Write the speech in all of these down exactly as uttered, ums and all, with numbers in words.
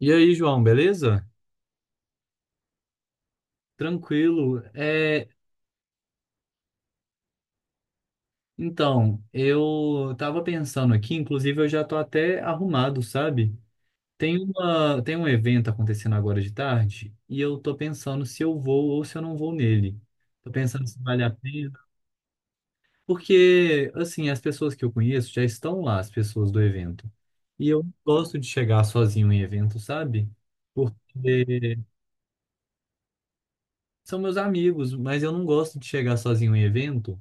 E aí, João, beleza? Tranquilo. É, então, eu tava pensando aqui, inclusive eu já tô até arrumado, sabe? Tem uma, tem um evento acontecendo agora de tarde e eu tô pensando se eu vou ou se eu não vou nele. Tô pensando se vale a pena, porque assim, as pessoas que eu conheço já estão lá, as pessoas do evento. E eu não gosto de chegar sozinho em evento, sabe? Porque são meus amigos, mas eu não gosto de chegar sozinho em evento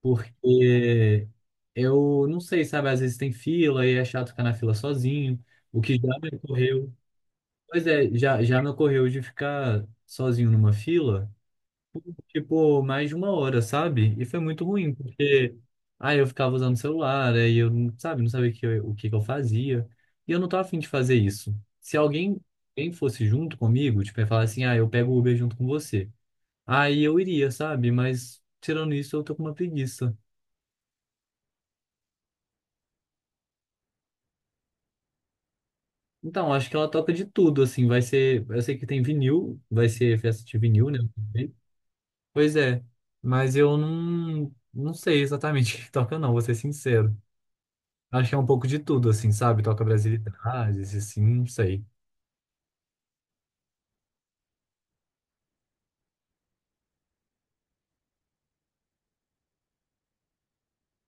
porque eu não sei, sabe? Às vezes tem fila e é chato ficar na fila sozinho, o que já me ocorreu. Pois é, já, já me ocorreu de ficar sozinho numa fila, tipo, mais de uma hora, sabe? E foi muito ruim, porque aí eu ficava usando o celular, aí eu, não- sabe, não sabia o que eu, o que que eu fazia. E eu não tava afim de fazer isso. Se alguém, alguém fosse junto comigo, tipo, ia falar assim, ah, eu pego o Uber junto com você. Aí eu iria, sabe? Mas tirando isso, eu tô com uma preguiça. Então, acho que ela toca de tudo, assim, vai ser, eu sei que tem vinil, vai ser festa de vinil, né? Pois é, mas eu não, não sei exatamente o que toca não, vou ser sincero. Acho que é um pouco de tudo, assim, sabe? Toca brasilidades, assim, não sei.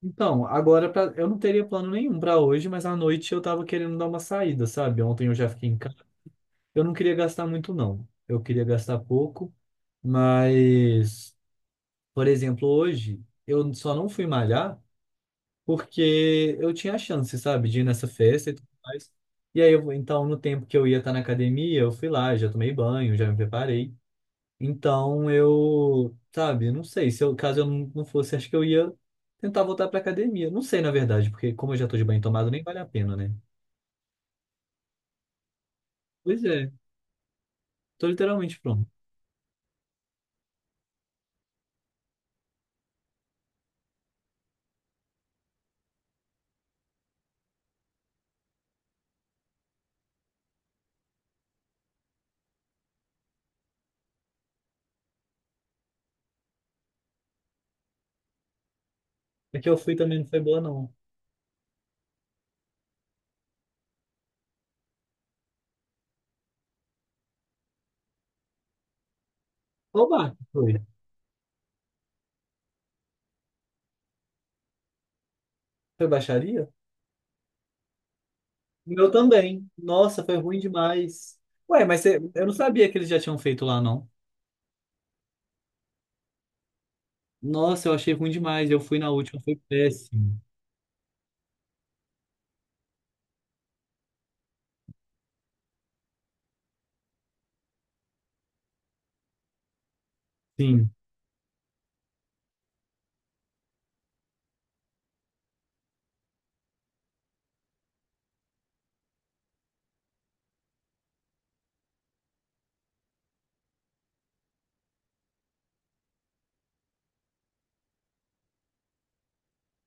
Então, agora pra, eu não teria plano nenhum pra hoje, mas à noite eu tava querendo dar uma saída, sabe? Ontem eu já fiquei em casa. Eu não queria gastar muito, não. Eu queria gastar pouco, mas, por exemplo, hoje eu só não fui malhar porque eu tinha a chance, sabe, de ir nessa festa e tudo mais. E aí, eu, então, no tempo que eu ia estar na academia, eu fui lá, já tomei banho, já me preparei. Então, eu, sabe, não sei, se eu, caso eu não não fosse, acho que eu ia tentar voltar pra academia. Não sei, na verdade, porque como eu já tô de banho tomado, nem vale a pena, né? Pois é, tô literalmente pronto. É que eu fui também não foi boa, não. Qual bar que foi? Foi baixaria? O meu também. Nossa, foi ruim demais. Ué, mas você- eu não sabia que eles já tinham feito lá, não. Nossa, eu achei ruim demais. Eu fui na última, foi péssimo. Sim,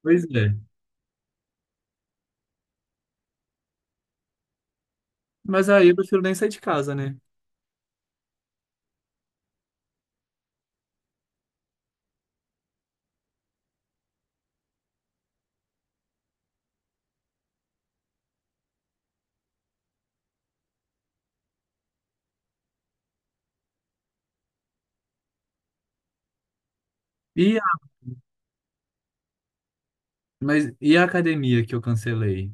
pois é. Mas aí eu prefiro nem sair de casa, né? E a, mas, e a academia que eu cancelei?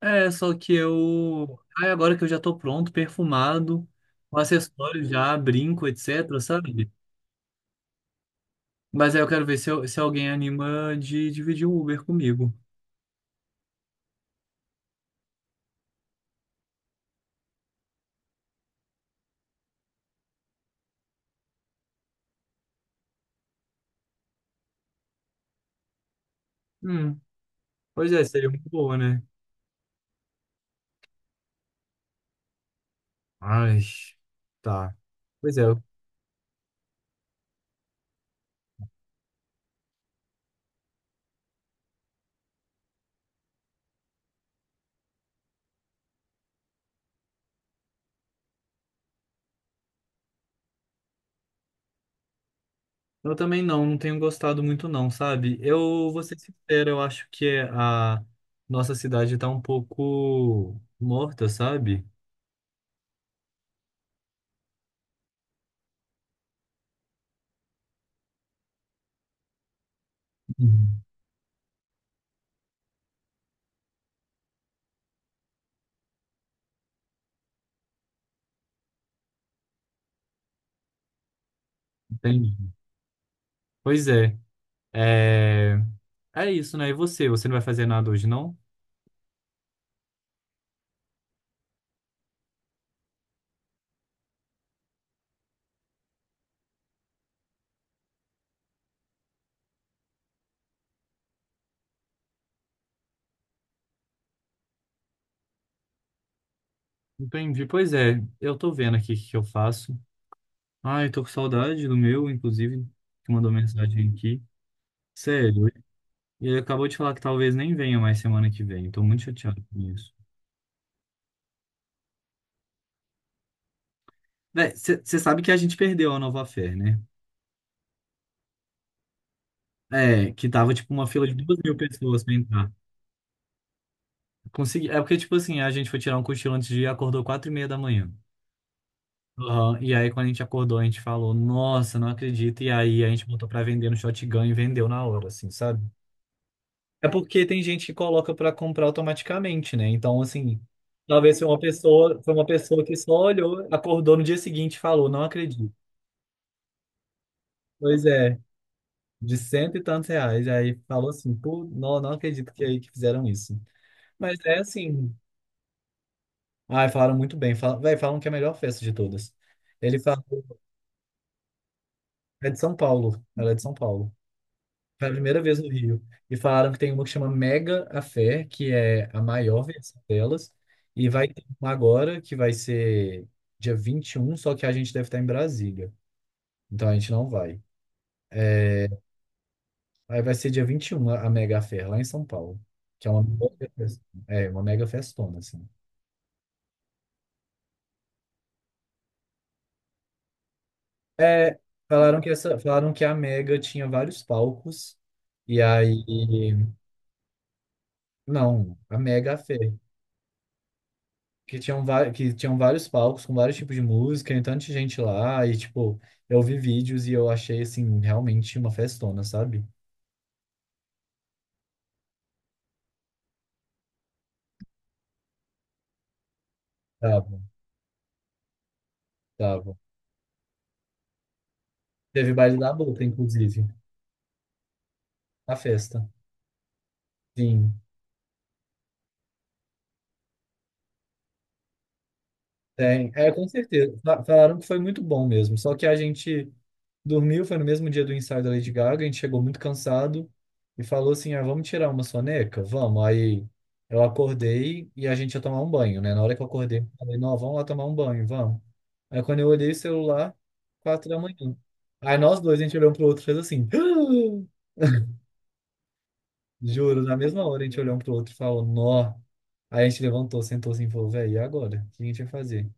É, só que eu. Ai, agora que eu já tô pronto, perfumado, com acessórios já, brinco, etc, sabe? Mas aí eu quero ver se, eu- se alguém anima de dividir o Uber comigo. Hum, pois é, seria muito boa, né? Ai, tá. Pois é, eu também não, não tenho gostado muito não, sabe? Eu vou ser sincero, eu acho que a nossa cidade tá um pouco morta, sabe? Uhum. Entendi. Pois é. É, é isso, né? E você? Você não vai fazer nada hoje, não? Entendi. Pois é, eu tô vendo aqui o que que eu faço. Ai, tô com saudade do meu, inclusive, que mandou mensagem aqui. Sério. E ele acabou de falar que talvez nem venha mais semana que vem. Tô muito chateado com isso. Você sabe que a gente perdeu a Nova Fé, né? É, que tava tipo uma fila de duas mil pessoas pra entrar. Consegui... É porque, tipo assim, a gente foi tirar um cochilo antes de ir, acordou quatro e meia da manhã. Aham, e aí, quando a gente acordou, a gente falou, nossa, não acredito. E aí, a gente botou pra vender no Shotgun e vendeu na hora, assim, sabe? É porque tem gente que coloca pra comprar automaticamente, né? Então, assim, talvez foi uma pessoa, foi uma pessoa que só olhou, acordou no dia seguinte e falou, não acredito. Pois é, de cento e tantos reais. Aí falou assim, pô, não, não acredito que é aí que fizeram isso. Mas é assim. Ai, falaram muito bem. Falam, véi, falam que é a melhor festa de todas. Ele falou, é de São Paulo. Ela é de São Paulo. Foi a primeira vez no Rio. E falaram que tem uma que chama Mega a Fé, que é a maior versão delas. E vai ter uma agora, que vai ser dia vinte e um. Só que a gente deve estar em Brasília. Então a gente não vai. Aí vai ser dia vinte e um a a Mega a Fé, lá em São Paulo. Que é uma mega fest- é, uma mega festona, assim. É, falaram que essa, falaram que a Mega tinha vários palcos. E aí Não, a Mega Fê. Que tinham, va- que tinham vários palcos com vários tipos de música e tanta gente lá. E, tipo, eu vi vídeos e eu achei, assim, realmente uma festona, sabe? Tava, tava. Teve baile da Boca, inclusive, a festa. Sim, tem. É, com certeza. Fa- Falaram que foi muito bom mesmo. Só que a gente dormiu, foi no mesmo dia do ensaio da Lady Gaga, a gente chegou muito cansado e falou assim, ah, vamos tirar uma soneca? Vamos. Aí eu acordei e a gente ia tomar um banho, né? Na hora que eu acordei, eu falei, não, vamos lá tomar um banho, vamos. Aí quando eu olhei o celular, quatro da manhã. Aí nós dois, a gente olhou um pro outro e fez assim, juro, na mesma hora a gente olhou um pro outro e falou, nó. Aí a gente levantou, sentou assim e falou, velho, e agora? O que a gente vai fazer?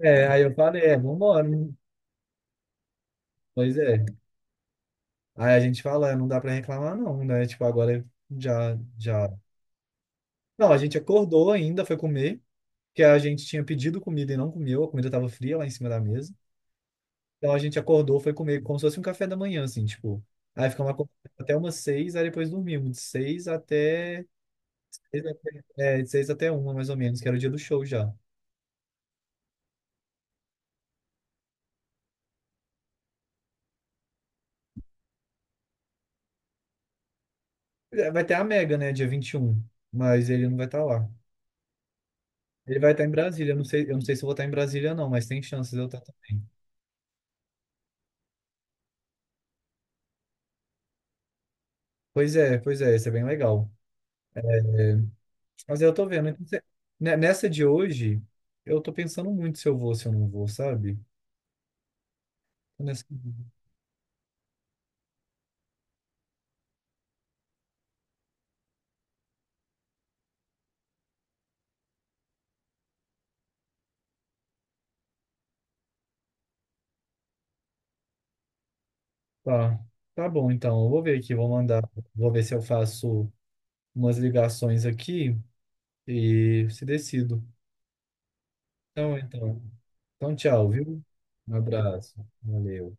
É, aí eu falei, é, vambora. Pois é. Aí a gente fala, "É, não dá pra reclamar não, né? Tipo, agora já, já... Não, a gente acordou ainda, foi comer, que a gente tinha pedido comida e não comeu, a comida tava fria lá em cima da mesa. Então a gente acordou, foi comer como se fosse um café da manhã, assim, tipo... Aí ficamos acor- até umas seis, aí depois dormimos, de seis até... seis até- É, de seis até uma, mais ou menos, que era o dia do show já. É, vai ter a Mega, né, dia vinte e um, mas ele não vai estar lá. Ele vai estar em Brasília, eu não sei, eu não sei se eu vou estar em Brasília não, mas tem chances de eu estar também. Pois é, pois é, isso é bem legal. Mas eu tô vendo. Então, você- ne- nessa de hoje, eu tô pensando muito se eu vou, se eu não vou, sabe? Tô nessa- Tá, tá bom, então. Eu vou ver aqui, vou mandar. Vou ver se eu faço umas ligações aqui e se decido. Então, então. Então, tchau, viu? Um abraço. Valeu.